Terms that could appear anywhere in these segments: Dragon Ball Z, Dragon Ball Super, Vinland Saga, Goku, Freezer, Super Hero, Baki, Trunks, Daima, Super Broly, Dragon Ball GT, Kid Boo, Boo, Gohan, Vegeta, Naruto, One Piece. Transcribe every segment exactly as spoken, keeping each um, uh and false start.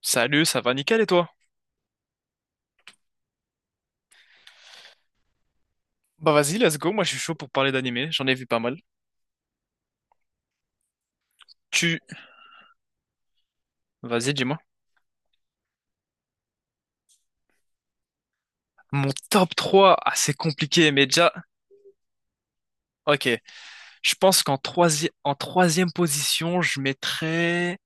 Salut, ça va nickel et toi? Bah vas-y, let's go, moi je suis chaud pour parler d'animé, j'en ai vu pas mal. Tu... Vas-y, dis-moi. Mon top trois, ah, c'est compliqué, mais déjà... Ok, je pense qu'en troisi- en troisième position, je mettrais...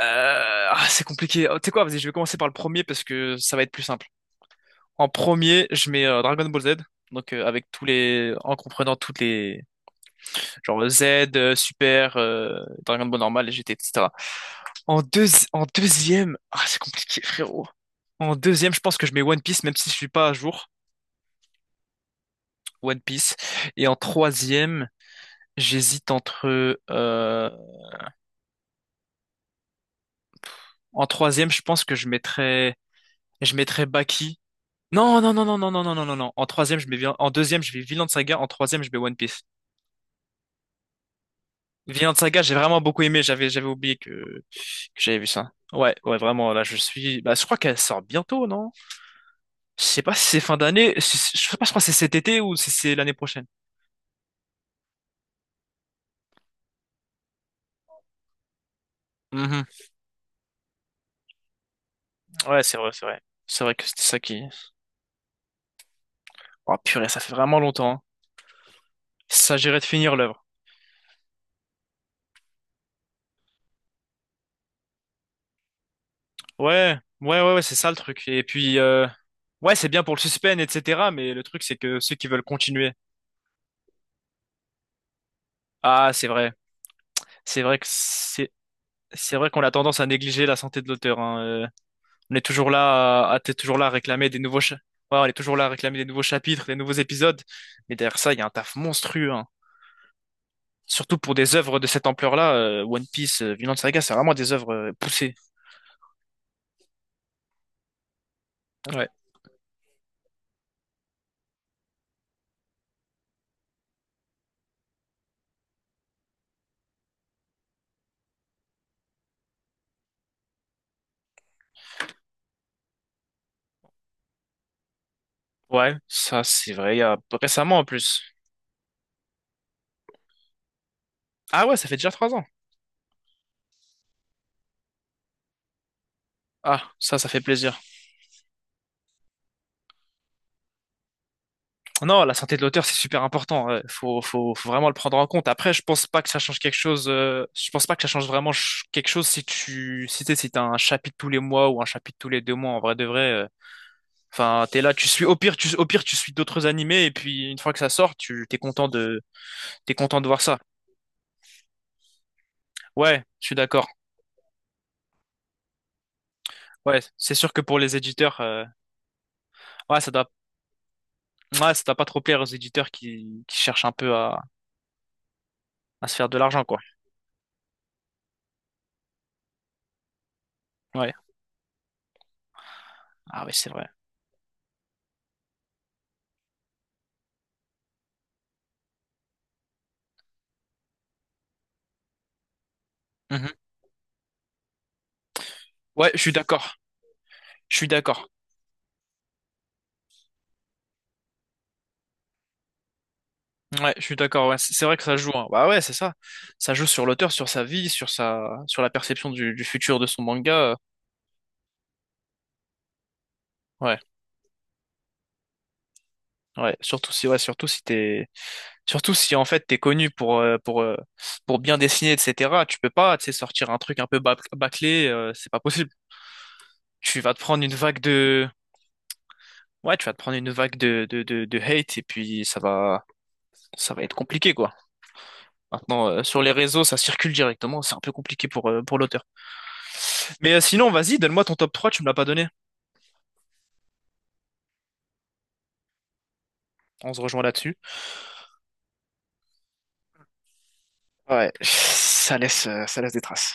Euh, Ah, c'est compliqué. Oh, tu sais quoi, vas-y, je vais commencer par le premier parce que ça va être plus simple. En premier, je mets euh, Dragon Ball Z, donc euh, avec tous les... en comprenant toutes les... genre Z, euh, Super, euh, Dragon Ball normal, G T, et cetera. En deux, en deuxième, ah, c'est compliqué, frérot. En deuxième, je pense que je mets One Piece, même si je suis pas à jour. One Piece. Et en troisième, j'hésite entre. euh, En troisième, je pense que je mettrais, je mettrais Baki. Non, non, non, non, non, non, non, non, non. Non. En troisième, je mets Villain- en deuxième, je mets Vinland Saga. En troisième, je mets One Piece. Vinland Saga, j'ai vraiment beaucoup aimé. J'avais, j'avais oublié que que j'avais vu ça. Ouais, ouais, vraiment. Là, je suis. Bah, je crois qu'elle sort bientôt, non? Je sais pas si c'est fin d'année, je sais pas, je crois que c'est cet été ou si c'est l'année prochaine. Mhm. Ouais, c'est vrai, c'est vrai. C'est vrai que c'était ça qui... Oh purée, ça fait vraiment longtemps, hein. Il s'agirait de finir l'œuvre. Ouais, ouais, ouais, ouais, c'est ça le truc. Et puis, euh, ouais, c'est bien pour le suspense, et cetera. Mais le truc, c'est que ceux qui veulent continuer. Ah, c'est vrai. C'est vrai que c'est... C'est vrai qu'on a tendance à négliger la santé de l'auteur, hein. Euh, on est toujours là à, à- t'es toujours là à réclamer des nouveaux cha- ouais, on est toujours là à réclamer des nouveaux chapitres, des nouveaux épisodes. Mais derrière ça, il y a un taf monstrueux, hein. Surtout pour des œuvres de cette ampleur-là, euh, One Piece, euh, Vinland Saga, c'est vraiment des œuvres euh, poussées. Ouais. Ouais, ça c'est vrai, il y a récemment en plus. Ah ouais, ça fait déjà trois ans. Ah, ça, ça fait plaisir. Non, la santé de l'auteur, c'est super important, ouais. Faut, faut, faut vraiment le prendre en compte. Après, je pense pas que ça change quelque chose. Euh, je pense pas que ça change vraiment ch- quelque chose si tu, si t'es, si t'as un chapitre tous les mois ou un chapitre tous les deux mois. En vrai de vrai, euh, enfin, t'es là, tu suis. Au pire, tu, au pire, tu suis d'autres animés et puis une fois que ça sort, tu, t'es content de, t'es content de voir ça. Ouais, je suis d'accord. Ouais, c'est sûr que pour les éditeurs, euh, ouais, ça doit, ouais, ça doit pas trop plaire aux éditeurs qui, qui cherchent un peu à, à se faire de l'argent, quoi. Ouais. Ah ouais, c'est vrai. Mhm. Ouais, je suis d'accord. Je suis d'accord. Ouais, je suis d'accord. Ouais, c'est c'est vrai que ça joue, hein. Bah ouais, c'est ça. Ça joue sur l'auteur, sur sa vie, sur sa, sur la perception du, du futur de son manga. euh. Ouais, ouais. Surtout si, ouais, surtout si t'es, surtout si en fait t'es connu pour, euh, pour, euh, pour bien dessiner, et cetera. Tu peux pas, tu sais, sortir un truc un peu bac- bâclé. Euh, c'est pas possible. Tu vas te prendre une vague de Ouais, tu vas te prendre une vague de, de, de, de hate et puis ça va, ça va être compliqué, quoi. Maintenant, euh, sur les réseaux, ça circule directement, c'est un peu compliqué pour, euh, pour l'auteur. Mais euh, sinon, vas-y, donne-moi ton top trois, tu me l'as pas donné. On se rejoint là-dessus. Ouais, ça laisse, euh, ça laisse des traces.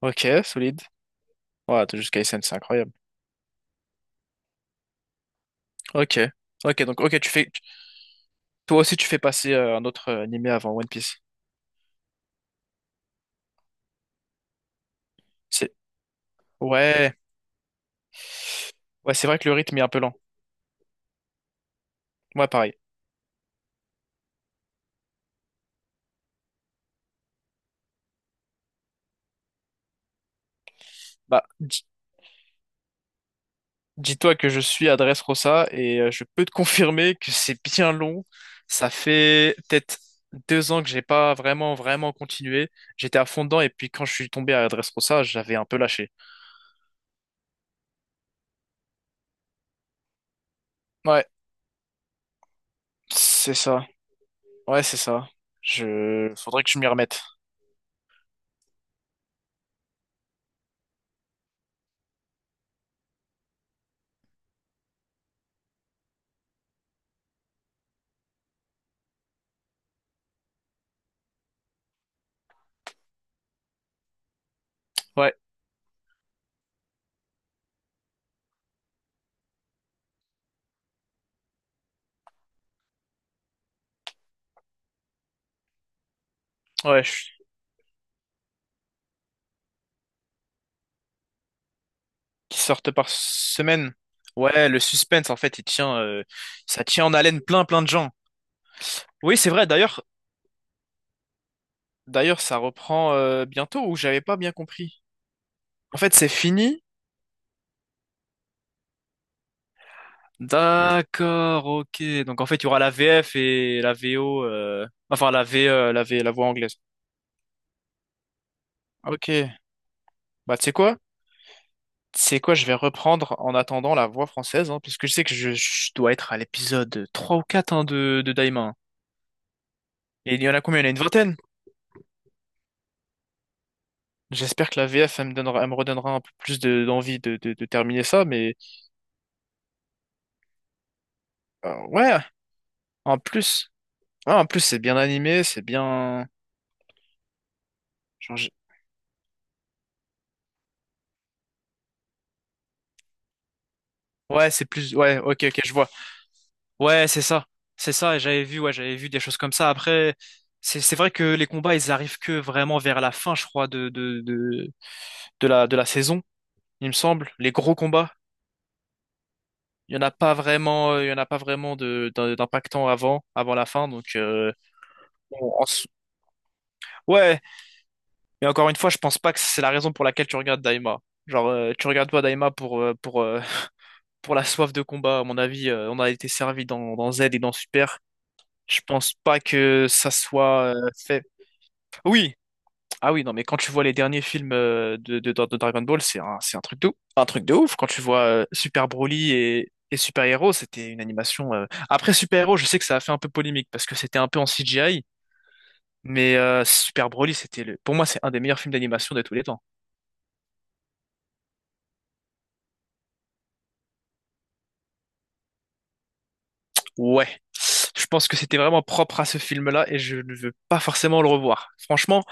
Ok, solide. Ouais, t'es jusqu'à S N, c'est incroyable. Ok. Ok, donc, ok, tu fais, tu- toi aussi, tu fais passer euh, un autre euh, animé avant One Piece. C'est, ouais, ouais, c'est vrai que le rythme est un peu lent. Ouais, pareil. Bah, dis-toi que je suis à Dressrosa et euh, je peux te confirmer que c'est bien long. Ça fait peut-être deux ans que j'ai pas vraiment, vraiment continué. J'étais à fond dedans et puis quand je suis tombé à Dressrosa, j'avais un peu lâché. Ouais, c'est ça. Ouais, c'est ça. Je... Faudrait que je m'y remette. Ouais, ouais, je... qui sortent par semaine. Ouais, le suspense, en fait, il tient, euh, ça tient en haleine plein, plein de gens. Oui, c'est vrai. D'ailleurs, d'ailleurs, ça reprend euh, bientôt ou j'avais pas bien compris. En fait, c'est fini. D'accord, ok. Donc en fait, il y aura la V F et la V O, euh, enfin la V, euh, la V, la voix anglaise. Ok. Bah tu sais quoi? Tu sais quoi? Je vais reprendre en attendant la voix française, hein, parce que je sais que je, je dois être à l'épisode trois ou quatre, hein, de, de Daima, hein. Et il y en a combien? Il y en a une vingtaine. J'espère que la V F, elle me donnera, elle me redonnera un peu plus de- d'envie de, de, de terminer ça, mais euh, ouais. En plus, ouais, en plus c'est bien animé, c'est bien. genre, je- Ouais, c'est plus. Ouais, ok, ok, je vois. Ouais, c'est ça. C'est ça, et j'avais vu, ouais, j'avais vu des choses comme ça. Après, c'est c'est vrai que les combats, ils arrivent que vraiment vers la fin, je crois, de, de, de, de la, de la saison, il me semble. Les gros combats, il y en a pas vraiment, euh, il y en a pas vraiment de, d'un- d'impactant avant, avant la fin. Donc, euh, bon, en s- ouais, mais encore une fois, je pense pas que c'est la raison pour laquelle tu regardes Daima. Genre, euh, tu regardes pas Daima pour, euh, pour, euh, pour la soif de combat. À mon avis, euh, on a été servi dans, dans Z et dans Super. Je pense pas que ça soit euh, fait. Oui, ah oui, non, mais quand tu vois les derniers films euh, de, de, de Dragon Ball, c'est un, c'est un truc de, ouf- un truc de ouf. Quand tu vois euh, Super Broly et, et Super Hero, c'était une animation. euh, Après Super Hero, je sais que ça a fait un peu polémique parce que c'était un peu en C G I, mais euh, Super Broly, c'était le... pour moi, c'est un des meilleurs films d'animation de tous les temps. Ouais, je pense que c'était vraiment propre à ce film-là et je ne veux pas forcément le revoir. Franchement,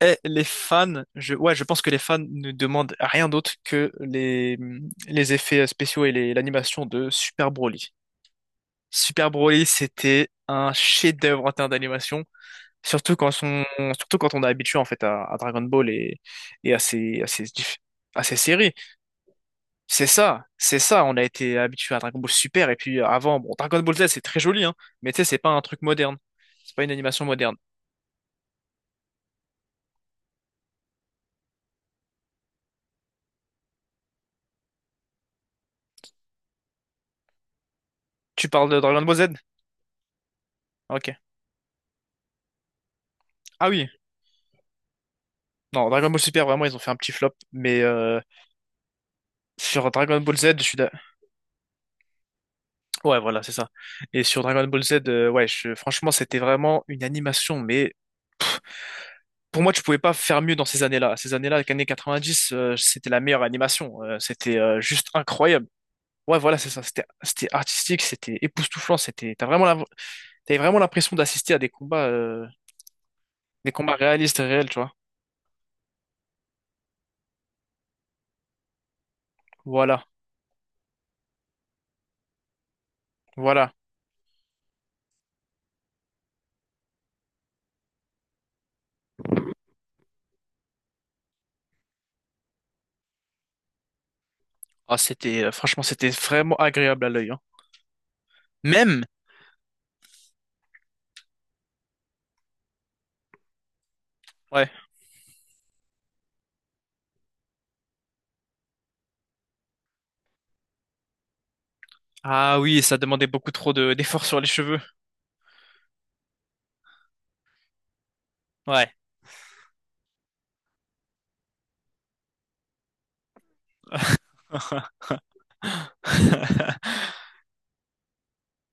eh, les fans, je... ouais, je pense que les fans ne demandent rien d'autre que les, les effets euh, spéciaux et les- l'animation de Super Broly. Super Broly, c'était un chef-d'œuvre en termes d'animation, surtout quand son, surtout quand on est habitué en fait à, à Dragon Ball et, et à ses, à ses, diff- à ses séries. C'est ça, c'est ça. On a été habitué à Dragon Ball Super et puis avant, bon, Dragon Ball Z, c'est très joli, hein, mais tu sais, c'est pas un truc moderne, c'est pas une animation moderne. Tu parles de Dragon Ball Z? Ok. Ah oui. Non, Dragon Ball Super, vraiment, ils ont fait un petit flop, mais euh, sur Dragon Ball Z, je suis d'a- ouais, voilà, c'est ça. Et sur Dragon Ball Z, euh, ouais, je- franchement, c'était vraiment une animation, mais pour moi, tu pouvais pas faire mieux dans ces années-là. Ces années-là, les années quatre-vingt-dix, euh, c'était la meilleure animation. Euh, c'était euh, juste incroyable. Ouais, voilà, c'est ça. C'était, c'était artistique, c'était époustouflant. C'était, t'as vraiment, la- t'avais vraiment l'impression d'assister à des combats, euh, des combats réalistes, et réels, tu vois. Voilà, voilà. Ah, c'était, euh, franchement, c'était vraiment agréable à l'œil, hein. Même, ouais. Ah oui, ça demandait beaucoup trop de, d'efforts sur les cheveux. Ouais.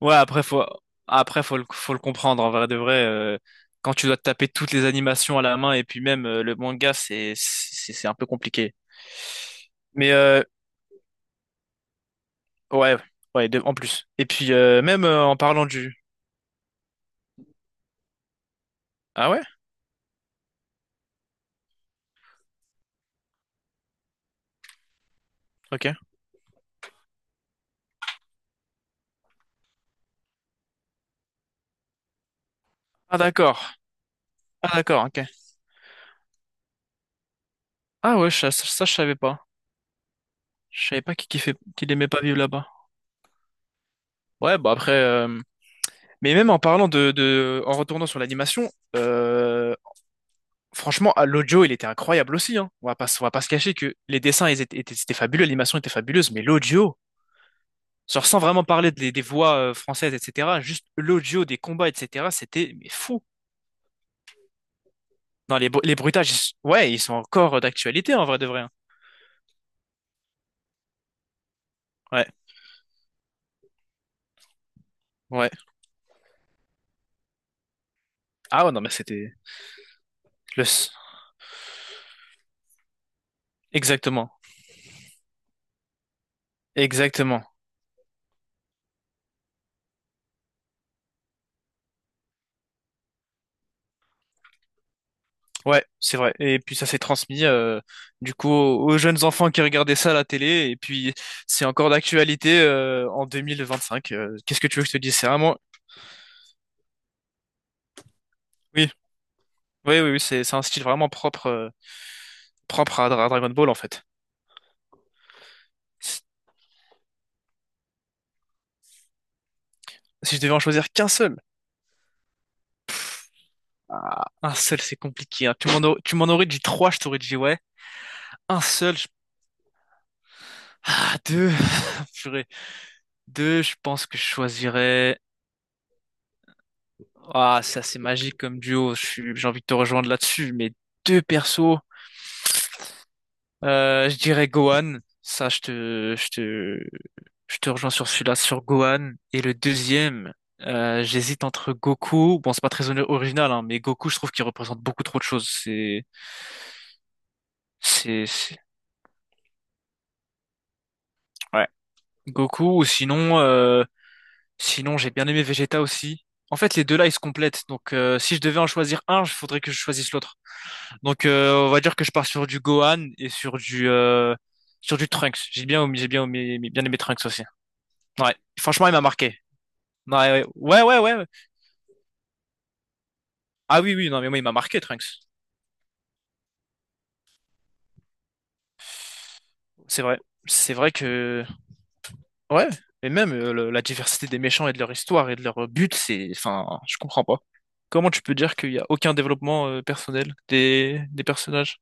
Ouais, après faut après faut le faut le comprendre en vrai de vrai, euh, quand tu dois te taper toutes les animations à la main et puis même euh, le manga c'est c'est c'est un peu compliqué. Mais euh, ouais, ouais, de- en plus. Et puis euh, même euh, en parlant du. Ah ouais? OK. Ah d'accord. Ah d'accord, OK. Ah ouais, ça, ça, ça, je savais pas. Je savais pas qu'il kiffait qu'il aimait pas vivre là-bas. Ouais, bah après euh, mais même en parlant de de en retournant sur l'animation, euh, franchement, ah, l'audio, il était incroyable aussi, hein. On va pas, se- on va pas se cacher que les dessins, ils étaient, étaient- c'était fabuleux, l'animation était fabuleuse, mais l'audio, genre sans vraiment parler des, des voix euh, françaises, et cetera, juste l'audio des combats, et cetera, c'était mais fou. Non, les, bru- les bruitages, ils s- ouais, ils sont encore euh, d'actualité, en vrai de vrai, hein. Ouais, ouais. Ah ouais, non, mais c'était le... s- exactement, exactement. Ouais, c'est vrai. Et puis ça s'est transmis, euh, du coup, aux, aux jeunes enfants qui regardaient ça à la télé, et puis c'est encore d'actualité euh, en deux mille vingt-cinq. Euh, qu'est-ce que tu veux que je te dise? C'est vraiment oui, oui, oui, oui, c'est c'est un style vraiment propre, euh, propre à, à Dragon Ball en fait. Si si je devais en choisir qu'un seul, un seul c'est compliqué, hein. Tu m'en aurais, tu m'en aurais dit trois, je t'aurais dit ouais. Un seul, je... ah deux, purée. Deux, je pense que je choisirais. Ah, c'est assez magique comme duo. Je suis- j'ai envie de te rejoindre là-dessus, mais deux persos. Euh, je dirais Gohan. Ça, je te, je te, je te rejoins sur celui-là, sur Gohan. Et le deuxième, euh, j'hésite entre Goku. Bon, c'est pas très ono- original, hein, mais Goku, je trouve qu'il représente beaucoup trop de choses. C'est, c'est, c'est- ouais. Goku, ou sinon, euh, sinon, j'ai bien aimé Vegeta aussi. En fait, les deux-là, ils se complètent. Donc, euh, si je devais en choisir un, il faudrait que je choisisse l'autre. Donc, euh, on va dire que je pars sur du Gohan et sur du, euh, sur du Trunks. J'ai bien, j'ai bien, aimé- bien aimé Trunks aussi. Ouais, franchement, il m'a marqué. Non, ouais, ouais, ouais, ouais, ouais. Ah oui, oui, non, mais moi, il m'a marqué, Trunks. C'est vrai. C'est vrai que. Ouais. Et même euh, le- la diversité des méchants et de leur histoire et de leur euh, but, c'est. Enfin, je comprends pas. Comment tu peux dire qu'il n'y a aucun développement euh, personnel des, des personnages?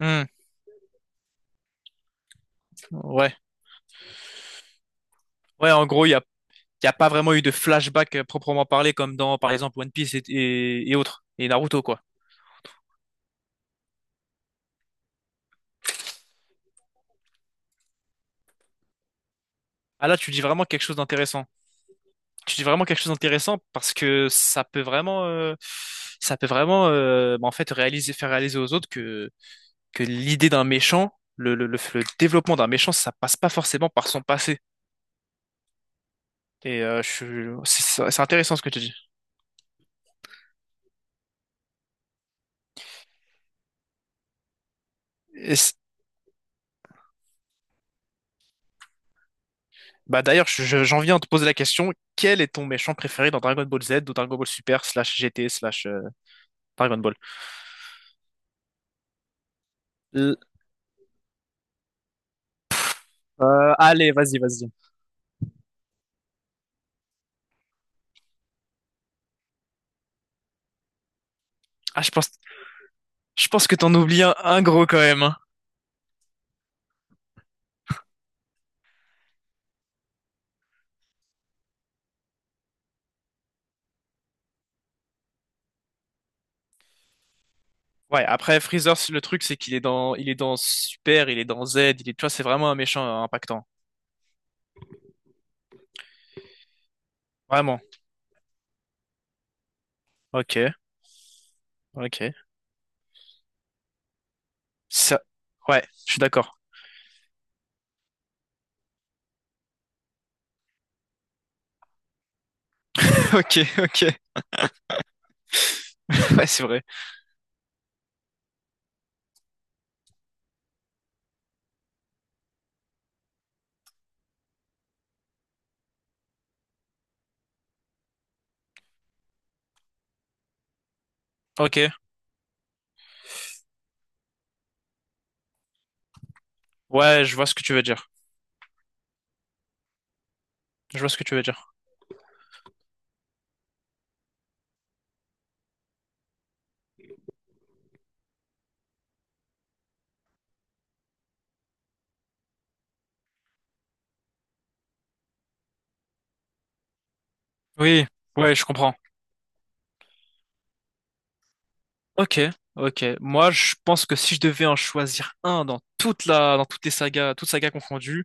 Hmm, ouais. Ouais, en gros, il n'y a, il y a pas vraiment eu de flashback euh, proprement parlé, comme dans, par exemple, One Piece et, et, et autres. Et Naruto, quoi. Ah là, tu dis vraiment quelque chose d'intéressant. Tu dis vraiment quelque chose d'intéressant parce que ça peut vraiment, euh, ça peut vraiment, euh, bah, en fait, réaliser, faire réaliser aux autres que, que l'idée d'un méchant, le, le, le, le développement d'un méchant, ça passe pas forcément par son passé. Et euh, je, suis- c'est c'est intéressant ce que tu dis. Et c'est- Bah d'ailleurs, je- j'en viens à te poser la question, quel est ton méchant préféré dans Dragon Ball Z ou Dragon Ball Super slash G T slash euh, Dragon Ball? L- euh, Allez, vas-y, vas-y. Ah, je pense, je pense que t'en oublies un, un gros quand même, hein. Ouais, après Freezer, le truc c'est qu'il est dans il est dans Super, il est dans Z, il est tu vois, c'est vraiment un méchant euh, impactant. Vraiment. OK. OK. Ça ouais, je suis d'accord. OK, OK. Ouais, c'est vrai. OK. Ouais, je vois ce que tu veux dire. Je vois ce que tu veux dire. Oui, ouais, je comprends. OK. OK. Moi, je pense que si je devais en choisir un dans toute la dans toutes les sagas, toutes sagas confondues,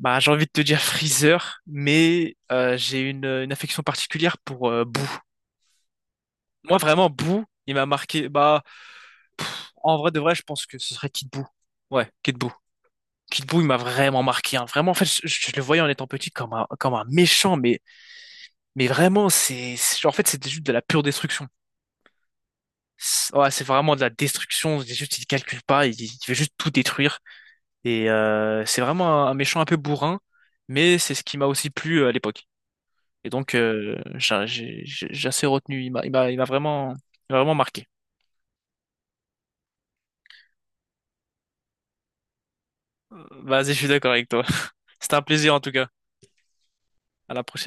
bah j'ai envie de te dire Freezer, mais euh, j'ai une, une affection particulière pour euh, Boo. Moi, vraiment, Boo, il m'a marqué. Bah, en vrai de vrai, je pense que ce serait Kid Boo. Ouais, Kid Boo. Kid Boo, il m'a vraiment marqué, hein. Vraiment, en fait, je, je le voyais en étant petit comme un, comme un méchant, mais, mais vraiment, c'est, c'est- en fait, c'était juste de la pure destruction. C'est- Ouais, c'est vraiment de la destruction. C'est juste, il calcule pas, il, il veut juste tout détruire. Et euh, c'est vraiment un, un méchant un peu bourrin, mais c'est ce qui m'a aussi plu euh, à l'époque. Et donc, euh, j'ai j'ai- j'ai assez retenu. Il m'a, il m'a, il m'a vraiment, il m'a vraiment marqué. Vas-y, je suis d'accord avec toi. C'était un plaisir en tout cas. À la prochaine.